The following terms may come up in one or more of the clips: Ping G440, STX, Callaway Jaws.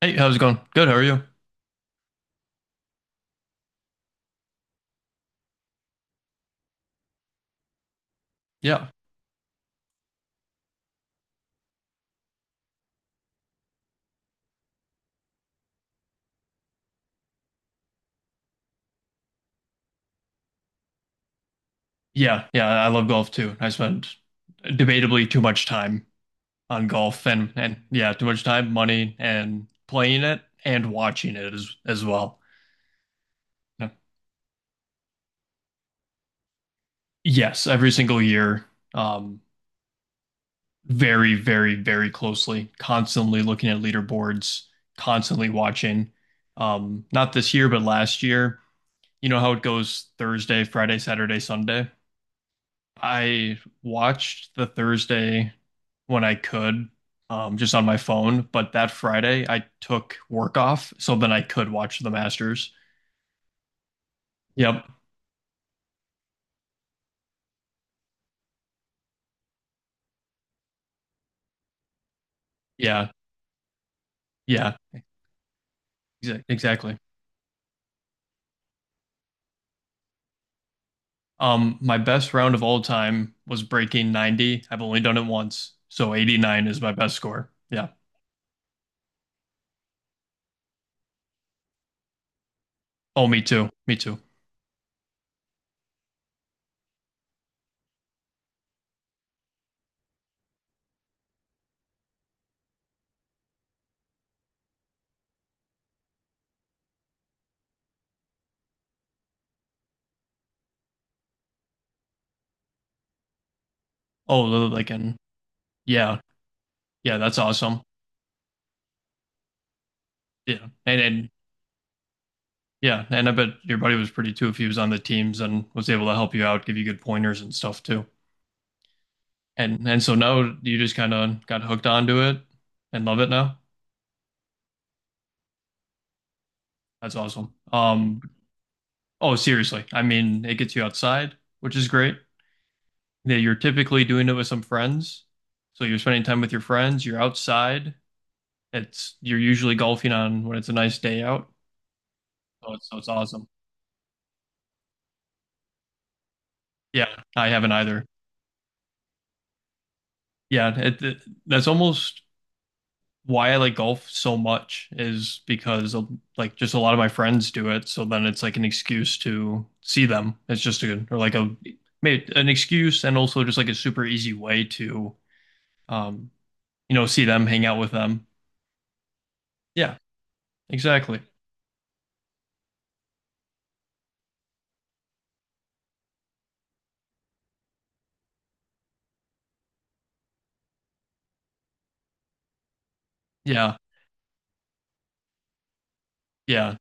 Hey, how's it going? Good, how are you? Yeah. Yeah, yeah, I love golf too. I spend debatably too much time on golf and yeah, too much time, money, and playing it and watching it as well. Yeah. Yes, every single year, um, very, very, very closely, constantly looking at leaderboards, constantly watching. Not this year, but last year. You know how it goes Thursday, Friday, Saturday, Sunday. I watched the Thursday when I could, just on my phone, but that Friday I took work off so then I could watch the Masters. Yep. Yeah. Yeah. Exactly. My best round of all time was breaking 90. I've only done it once, so 89 is my best score. Yeah. Oh, me too. Me too. Oh, like and yeah. Yeah, that's awesome. Yeah. And Yeah, and I bet your buddy was pretty too if he was on the teams and was able to help you out, give you good pointers and stuff too. And so now you just kind of got hooked onto it and love it now. That's awesome. Oh, seriously, I mean, it gets you outside, which is great. Yeah, you're typically doing it with some friends, so you're spending time with your friends. You're outside. It's You're usually golfing on when it's a nice day out. So it's awesome. Yeah, I haven't either. Yeah, that's almost why I like golf so much is because of, like just a lot of my friends do it, so then it's like an excuse to see them. It's just a or like a maybe an excuse and also just like a super easy way to um see them, hang out with them. Yeah, exactly. Yeah. Yeah.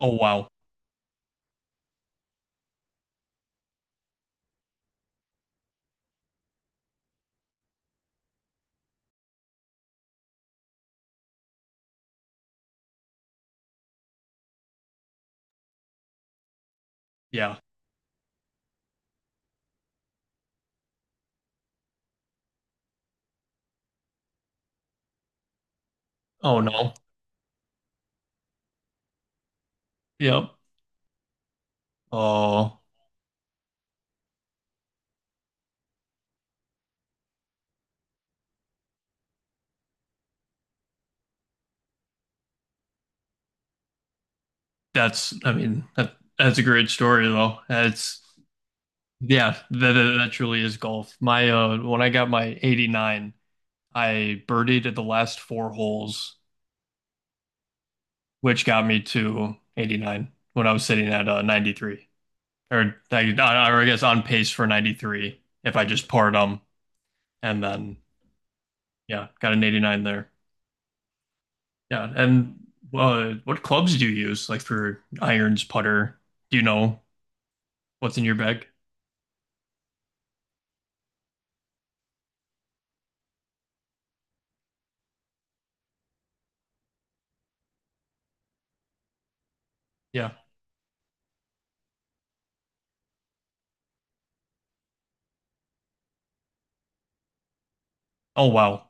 Oh wow. Yeah. Oh no. Yep. Oh, that's I mean that's a great story though. That's yeah, that truly is golf. My when I got my 89, I birdied at the last four holes, which got me to 89 when I was sitting at 93. Or I, or I guess on pace for 93 if I just parred them. And then, yeah, got an 89 there. Yeah. And what clubs do you use, like for irons, putter? Do you know what's in your bag? Yeah. Oh, wow.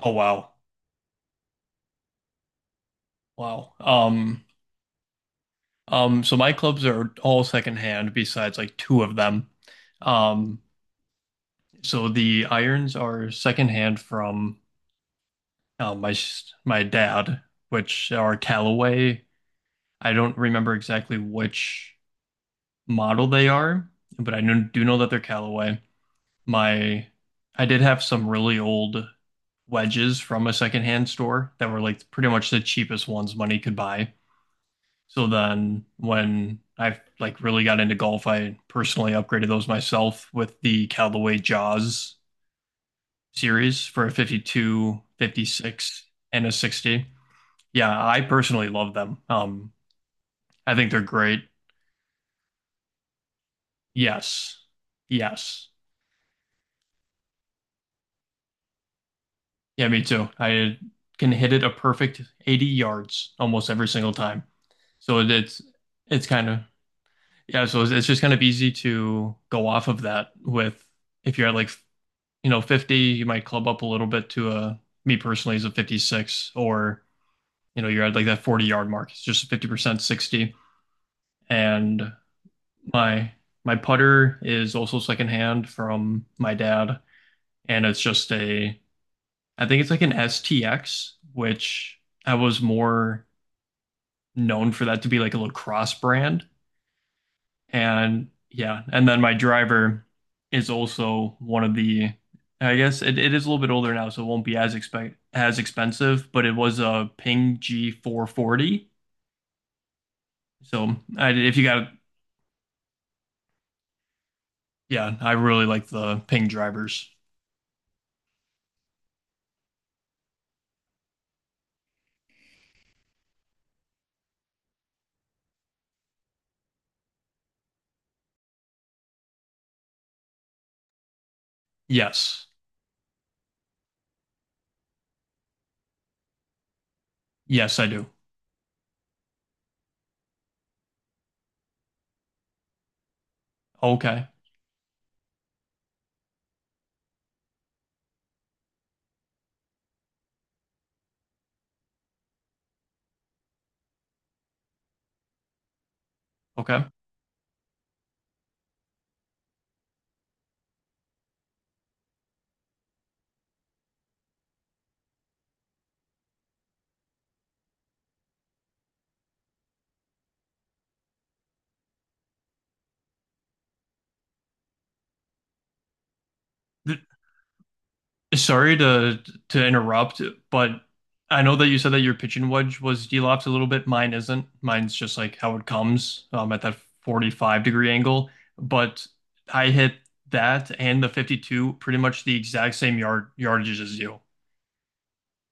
Oh, wow. Wow. So my clubs are all secondhand besides like two of them. Um, So the irons are secondhand from my dad, which are Callaway. I don't remember exactly which model they are, but I do know that they're Callaway. My I did have some really old wedges from a secondhand store that were like pretty much the cheapest ones money could buy. So then when I like really got into golf, I personally upgraded those myself with the Callaway Jaws series for a 52, 56, and a 60. Yeah, I personally love them. I think they're great. Yes. Yes. Yeah, me too. I can hit it a perfect 80 yards almost every single time. So it's kind of, yeah, so it's just kind of easy to go off of that with if you're at like, you know, 50, you might club up a little bit to a me personally is a 56 or you know, you're at like that 40-yard mark. It's just 50% 60 and My my putter is also secondhand from my dad, and it's just a I think it's like an STX, which I was more known for that to be like a lacrosse brand. And yeah, and then my driver is also one of the I guess it is a little bit older now, so it won't be as expect as expensive, but it was a Ping G440. So I, if you got yeah, I really like the Ping drivers. Yes. Yes, I do. Okay. Okay. Th- Sorry to interrupt, but I know that you said that your pitching wedge was elapsed a little bit. Mine isn't. Mine's just like how it comes at that 45-degree angle. But I hit that and the 52 pretty much the exact same yardages as you.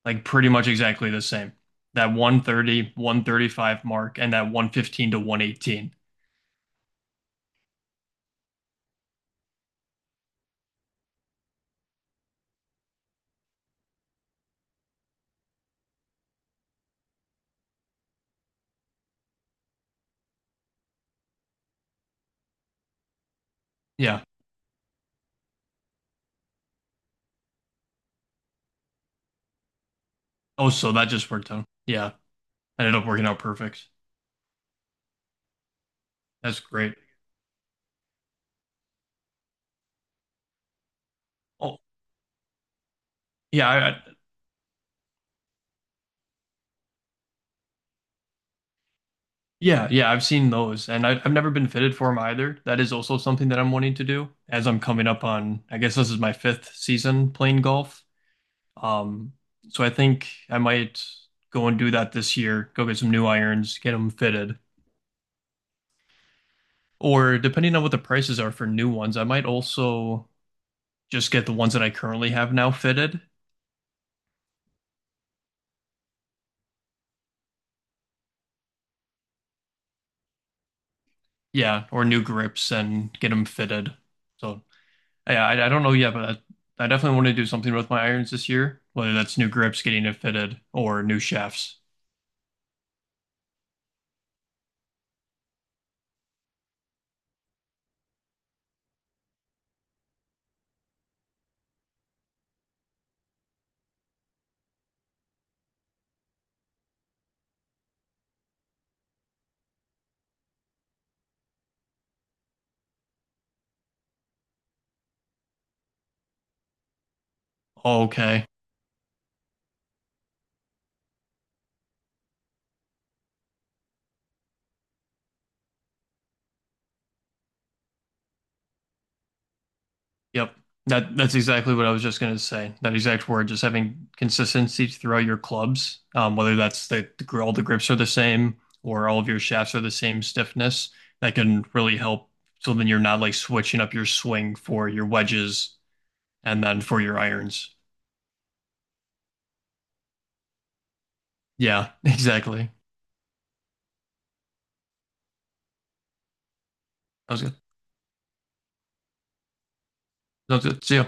Like pretty much exactly the same. That one thirty-one thirty-five mark and that 115 to 118. Yeah. Oh, so that just worked out. Yeah. Ended up working out perfect. That's great. Oh, yeah. Yeah, yeah, I've seen those, and I've never been fitted for them either. That is also something that I'm wanting to do as I'm coming up on, I guess this is my fifth season playing golf. Um, so I think I might go and do that this year, go get some new irons, get them fitted. Or depending on what the prices are for new ones, I might also just get the ones that I currently have now fitted. Yeah, or new grips and get them fitted. So Yeah, I don't know yet, but I definitely want to do something with my irons this year, whether that's new grips, getting it fitted, or new shafts. Okay. Yep. That's exactly what I was just gonna say. That exact word, just having consistency throughout your clubs, whether that's all the grips are the same or all of your shafts are the same stiffness, that can really help. So then you're not like switching up your swing for your wedges and then for your irons. Yeah, exactly. That was good. That was good. See you.